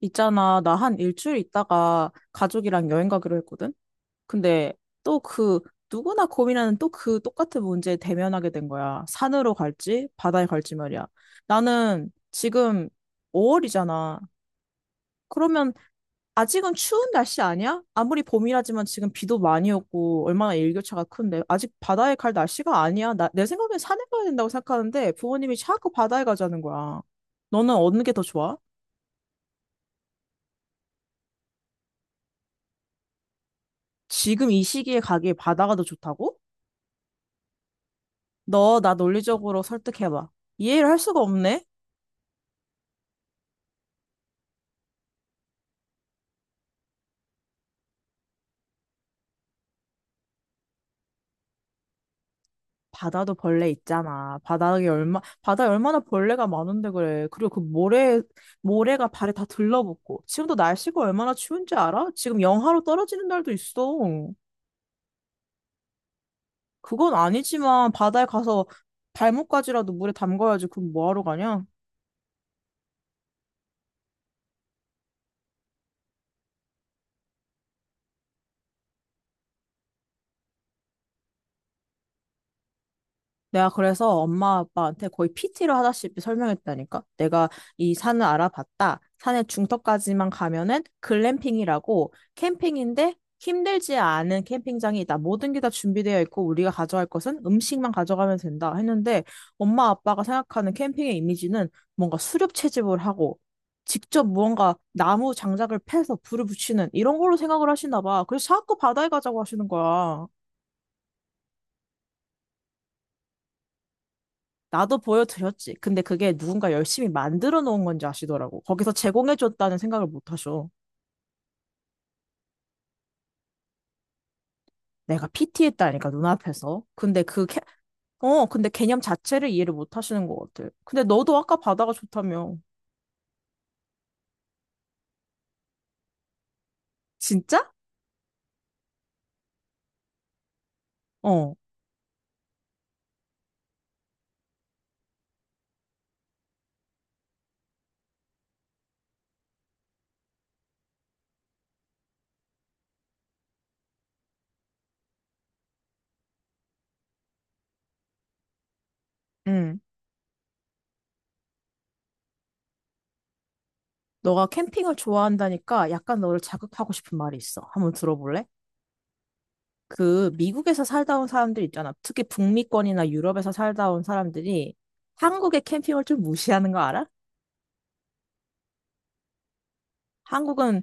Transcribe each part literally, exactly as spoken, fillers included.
있잖아, 나 한 일주일 있다가 가족이랑 여행 가기로 했거든? 근데 또 그, 누구나 고민하는 또 그 똑같은 문제에 대면하게 된 거야. 산으로 갈지, 바다에 갈지 말이야. 나는 지금 오 월이잖아. 그러면 아직은 추운 날씨 아니야? 아무리 봄이라지만 지금 비도 많이 오고 얼마나 일교차가 큰데 아직 바다에 갈 날씨가 아니야. 나, 내 생각엔 산에 가야 된다고 생각하는데 부모님이 자꾸 바다에 가자는 거야. 너는 어느 게 더 좋아? 지금 이 시기에 가기에 바다가 더 좋다고? 너 나 논리적으로 설득해봐. 이해를 할 수가 없네? 바다도 벌레 있잖아. 바닥에 얼마, 바다에 얼마나 벌레가 많은데 그래. 그리고 그 모래, 모래가 발에 다 들러붙고. 지금도 날씨가 얼마나 추운지 알아? 지금 영하로 떨어지는 날도 있어. 그건 아니지만 바다에 가서 발목까지라도 물에 담가야지. 그럼 뭐하러 가냐? 내가 그래서 엄마 아빠한테 거의 피티를 하다시피 설명했다니까. 내가 이 산을 알아봤다. 산의 중턱까지만 가면은 글램핑이라고 캠핑인데 힘들지 않은 캠핑장이 있다. 모든 게 다 준비되어 있고 우리가 가져갈 것은 음식만 가져가면 된다. 했는데 엄마 아빠가 생각하는 캠핑의 이미지는 뭔가 수렵 채집을 하고 직접 무언가 나무 장작을 패서 불을 붙이는 이런 걸로 생각을 하시나 봐. 그래서 자꾸 바다에 가자고 하시는 거야. 나도 보여드렸지. 근데 그게 누군가 열심히 만들어 놓은 건지 아시더라고. 거기서 제공해줬다는 생각을 못 하셔. 내가 피티했다니까, 눈앞에서. 근데 그, 캐... 어, 근데 개념 자체를 이해를 못 하시는 것 같아. 근데 너도 아까 바다가 좋다며. 진짜? 어, 응. 너가 캠핑을 좋아한다니까 약간 너를 자극하고 싶은 말이 있어. 한번 들어볼래? 그 미국에서 살다 온 사람들 있잖아. 특히 북미권이나 유럽에서 살다 온 사람들이 한국의 캠핑을 좀 무시하는 거 알아? 한국은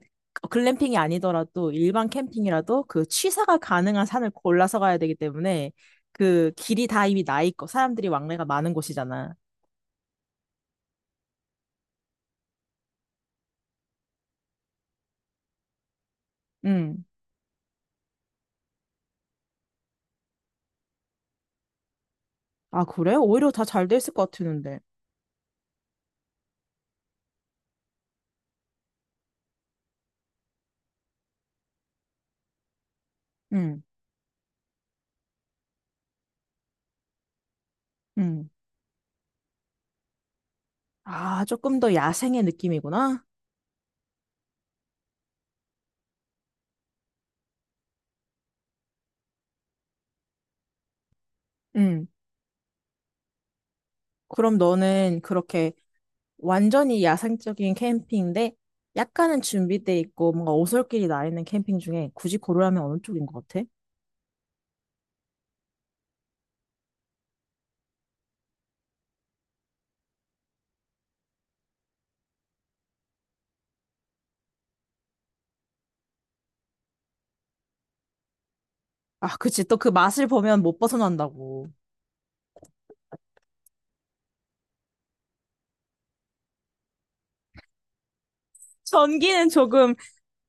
글램핑이 아니더라도 일반 캠핑이라도 그 취사가 가능한 산을 골라서 가야 되기 때문에 그 길이 다 이미 나 있고 사람들이 왕래가 많은 곳이잖아. 음. 아, 그래? 오히려 다 잘 돼 있을 것 같았는데. 음. 음. 아, 조금 더 야생의 느낌이구나. 음. 그럼 너는 그렇게 완전히 야생적인 캠핑인데 약간은 준비돼 있고 뭔가 오솔길이 나 있는 캠핑 중에 굳이 고르라면 어느 쪽인 것 같아? 아, 그치. 또 그 맛을 보면 못 벗어난다고. 전기는 조금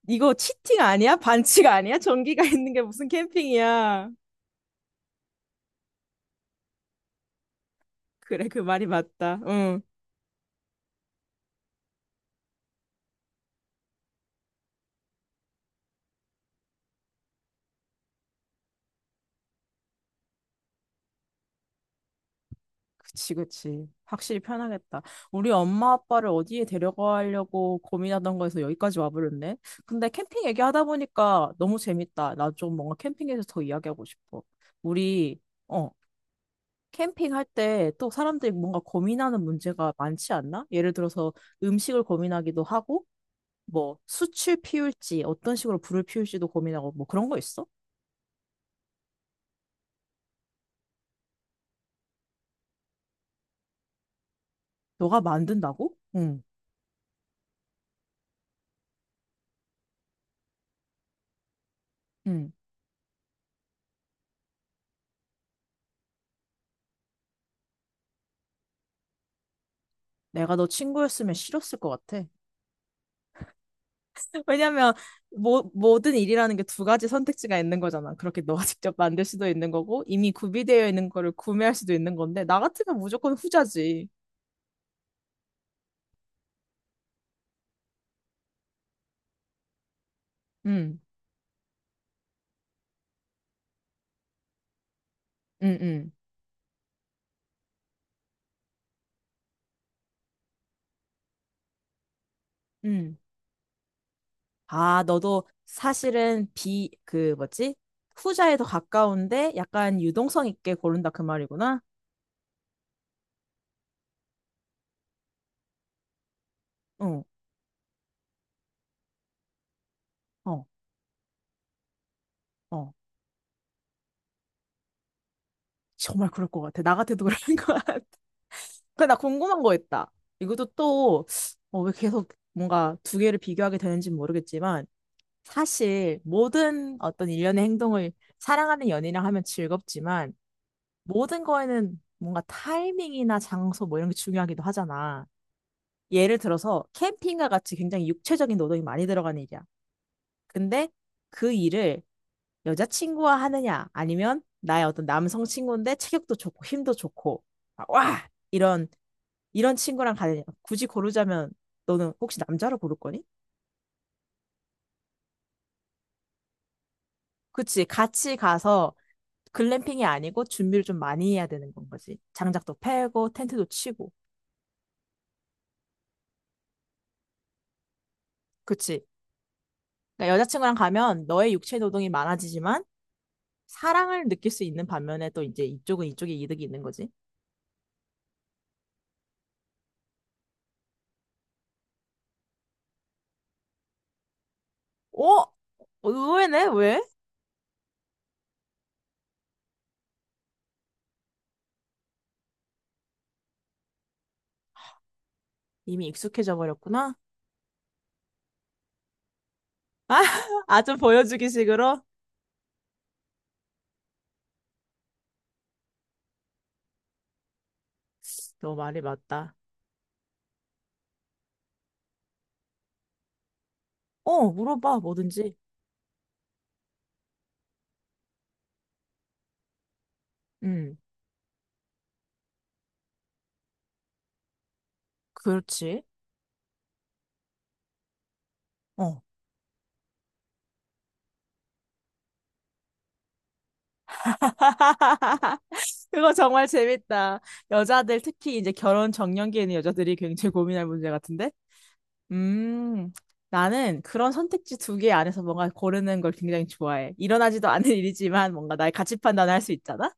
이거 치팅 아니야? 반칙 아니야? 전기가 있는 게 무슨 캠핑이야? 그래 그 말이 맞다. 응. 그치 그치. 확실히 편하겠다. 우리 엄마 아빠를 어디에 데려가려고 고민하던 거에서 여기까지 와버렸네. 근데 캠핑 얘기하다 보니까 너무 재밌다. 나 좀 뭔가 캠핑에서 더 이야기하고 싶어. 우리 어 캠핑할 때 또 사람들이 뭔가 고민하는 문제가 많지 않나? 예를 들어서 음식을 고민하기도 하고. 뭐 숯을 피울지 어떤 식으로 불을 피울지도 고민하고 뭐 그런 거 있어? 너가 만든다고? 응, 응. 내가 너 친구였으면 싫었을 것 같아. 왜냐면 뭐 모든 일이라는 게 두 가지 선택지가 있는 거잖아. 그렇게 너가 직접 만들 수도 있는 거고 이미 구비되어 있는 거를 구매할 수도 있는 건데 나 같으면 무조건 후자지. 응, 응, 응, 응. 아, 너도 사실은 비 그 뭐지? 후자에 더 가까운데 약간 유동성 있게 고른다 그 말이구나. 응, 어, 어. 정말 그럴 것 같아. 나 같아도 그럴 것 같아. 근데 나 궁금한 거 있다. 이것도 또, 어, 왜 계속 뭔가 두 개를 비교하게 되는지는 모르겠지만, 사실 모든 어떤 일련의 행동을 사랑하는 연인이랑 하면 즐겁지만, 모든 거에는 뭔가 타이밍이나 장소 뭐 이런 게 중요하기도 하잖아. 예를 들어서 캠핑과 같이 굉장히 육체적인 노동이 많이 들어가는 일이야. 근데 그 일을 여자친구와 하느냐, 아니면 나의 어떤 남성 친구인데 체격도 좋고 힘도 좋고, 막 와! 이런, 이런 친구랑 가느냐. 굳이 고르자면 너는 혹시 남자로 고를 거니? 그치, 같이 가서 글램핑이 아니고 준비를 좀 많이 해야 되는 건 거지. 장작도 패고, 텐트도 치고. 그치. 그러니까 여자친구랑 가면 너의 육체 노동이 많아지지만 사랑을 느낄 수 있는 반면에 또 이제 이쪽은 이쪽에 이득이 있는 거지. 어? 의외네? 왜? 이미 익숙해져 버렸구나. 아, 아, 좀 보여주기 식으로? 너 말이 맞다. 어, 물어봐, 뭐든지. 음, 그렇지. 어. 그거 정말 재밌다. 여자들, 특히 이제 결혼 정년기에 있는 여자들이 굉장히 고민할 문제 같은데? 음, 나는 그런 선택지 두 개 안에서 뭔가 고르는 걸 굉장히 좋아해. 일어나지도 않은 일이지만 뭔가 나의 가치 판단을 할 수 있잖아?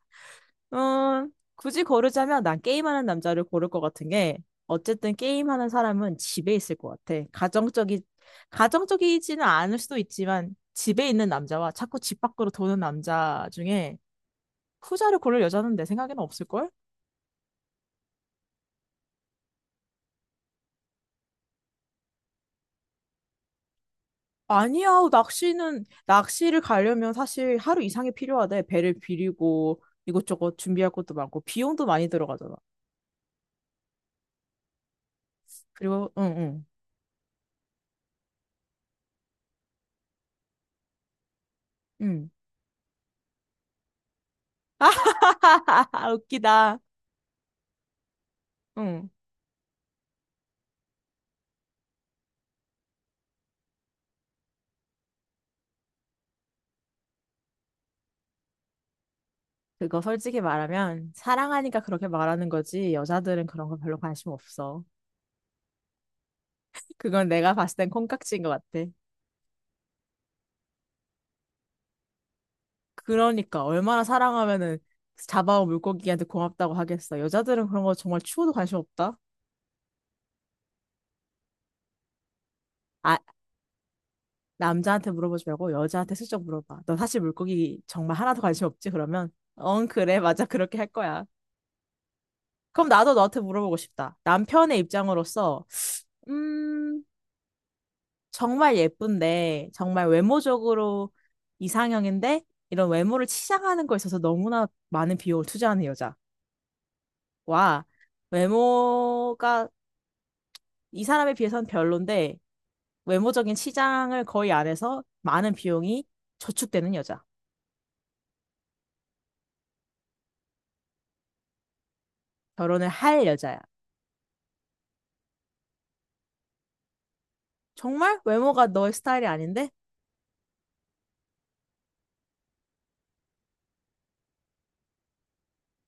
어, 굳이 고르자면 난 게임하는 남자를 고를 것 같은 게 어쨌든 게임하는 사람은 집에 있을 것 같아. 가정적이 가정적이지는 않을 수도 있지만 집에 있는 남자와 자꾸 집 밖으로 도는 남자 중에 후자를 고를 여자는 내 생각에는 없을걸? 아니야, 낚시는 낚시를 가려면 사실 하루 이상이 필요하대. 배를 비리고 이것저것 준비할 것도 많고 비용도 많이 들어가잖아. 그리고 응 응. 응. 웃기다. 응. 그거 솔직히 말하면 사랑하니까 그렇게 말하는 거지 여자들은 그런 거 별로 관심 없어. 그건 내가 봤을 땐 콩깍지인 것 같아. 그러니까 얼마나 사랑하면은 잡아온 물고기한테 고맙다고 하겠어. 여자들은 그런 거 정말 추워도 관심 없다. 아, 남자한테 물어보지 말고 여자한테 슬쩍 물어봐. 너 사실 물고기 정말 하나도 관심 없지? 그러면 응, 그래. 맞아. 그렇게 할 거야. 그럼 나도 너한테 물어보고 싶다. 남편의 입장으로서 음 정말 예쁜데, 정말 외모적으로 이상형인데, 이런 외모를 치장하는 거에 있어서 너무나 많은 비용을 투자하는 여자와 외모가 이 사람에 비해서는 별론데, 외모적인 치장을 거의 안 해서 많은 비용이 저축되는 여자. 결혼을 할 여자야. 정말 외모가 너의 스타일이 아닌데?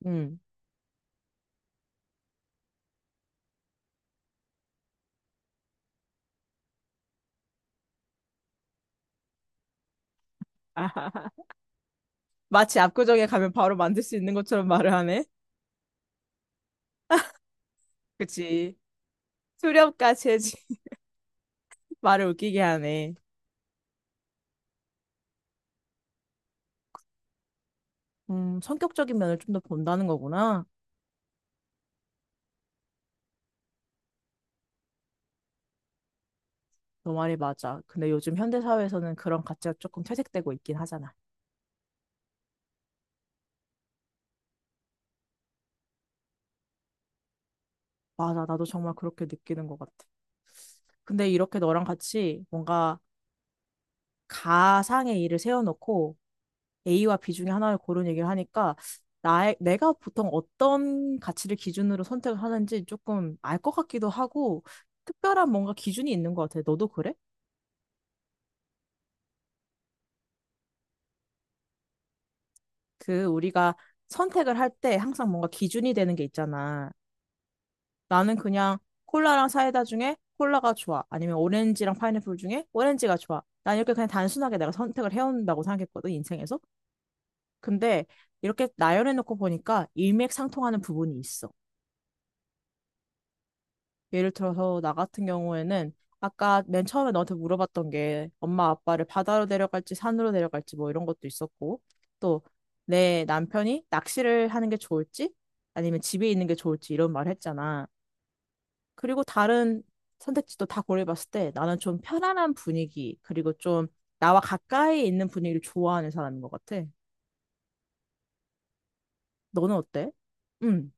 음. 마치 압구정에 가면 바로 만들 수 있는 것처럼 말을 하네. 그치. 수렵까지 해지 말을 웃기게 하네. 음, 성격적인 면을 좀 더 본다는 거구나. 너 말이 맞아. 근데 요즘 현대사회에서는 그런 가치가 조금 퇴색되고 있긴 하잖아. 맞아. 나도 정말 그렇게 느끼는 것 같아. 근데 이렇게 너랑 같이 뭔가 가상의 일을 세워놓고 에이와 비 중에 하나를 고른 얘기를 하니까 나의, 내가 보통 어떤 가치를 기준으로 선택을 하는지 조금 알 것 같기도 하고 특별한 뭔가 기준이 있는 것 같아. 너도 그래? 그 우리가 선택을 할 때 항상 뭔가 기준이 되는 게 있잖아. 나는 그냥 콜라랑 사이다 중에 콜라가 좋아. 아니면 오렌지랑 파인애플 중에 오렌지가 좋아. 난 이렇게 그냥 단순하게 내가 선택을 해온다고 생각했거든, 인생에서. 근데 이렇게 나열해놓고 보니까 일맥상통하는 부분이 있어. 예를 들어서 나 같은 경우에는 아까 맨 처음에 너한테 물어봤던 게 엄마 아빠를 바다로 데려갈지 산으로 데려갈지 뭐 이런 것도 있었고 또 내 남편이 낚시를 하는 게 좋을지 아니면 집에 있는 게 좋을지 이런 말을 했잖아. 그리고 다른 선택지도 다 고려해봤을 때 나는 좀 편안한 분위기, 그리고 좀 나와 가까이 있는 분위기를 좋아하는 사람인 것 같아. 너는 어때? 음.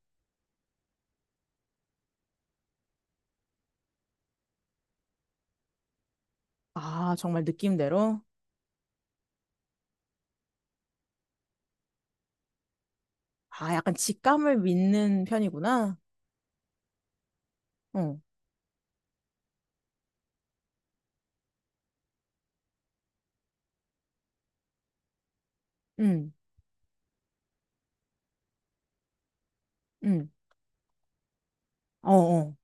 아, 정말 느낌대로? 아, 약간 직감을 믿는 편이구나. 어, 음, 음, 어, 어,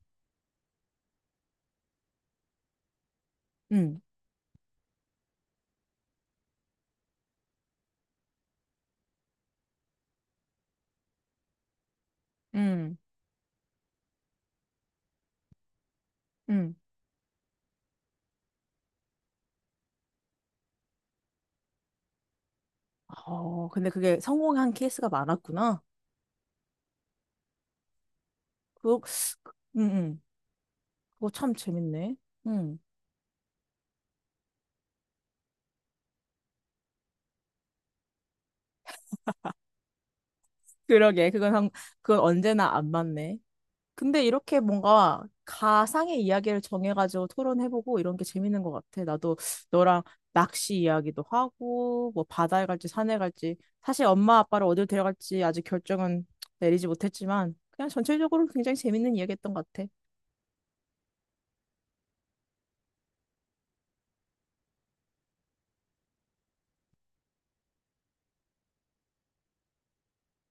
음, 음, 음. 어, 근데 그게 성공한 케이스가 많았구나. 그거, 음, 음. 그거 참 재밌네. 음. 그러게, 그건, 한- 그건 언제나 안 맞네. 근데 이렇게 뭔가 가상의 이야기를 정해가지고 토론해보고 이런 게 재밌는 것 같아. 나도 너랑 낚시 이야기도 하고, 뭐 바다에 갈지 산에 갈지. 사실 엄마 아빠를 어딜 데려갈지 아직 결정은 내리지 못했지만, 그냥 전체적으로 굉장히 재밌는 이야기였던 것 같아.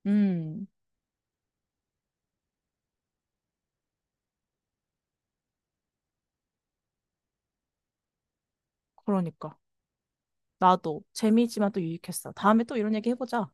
음, 그러니까. 나도 재미있지만 또 유익했어. 다음에 또 이런 얘기 해보자.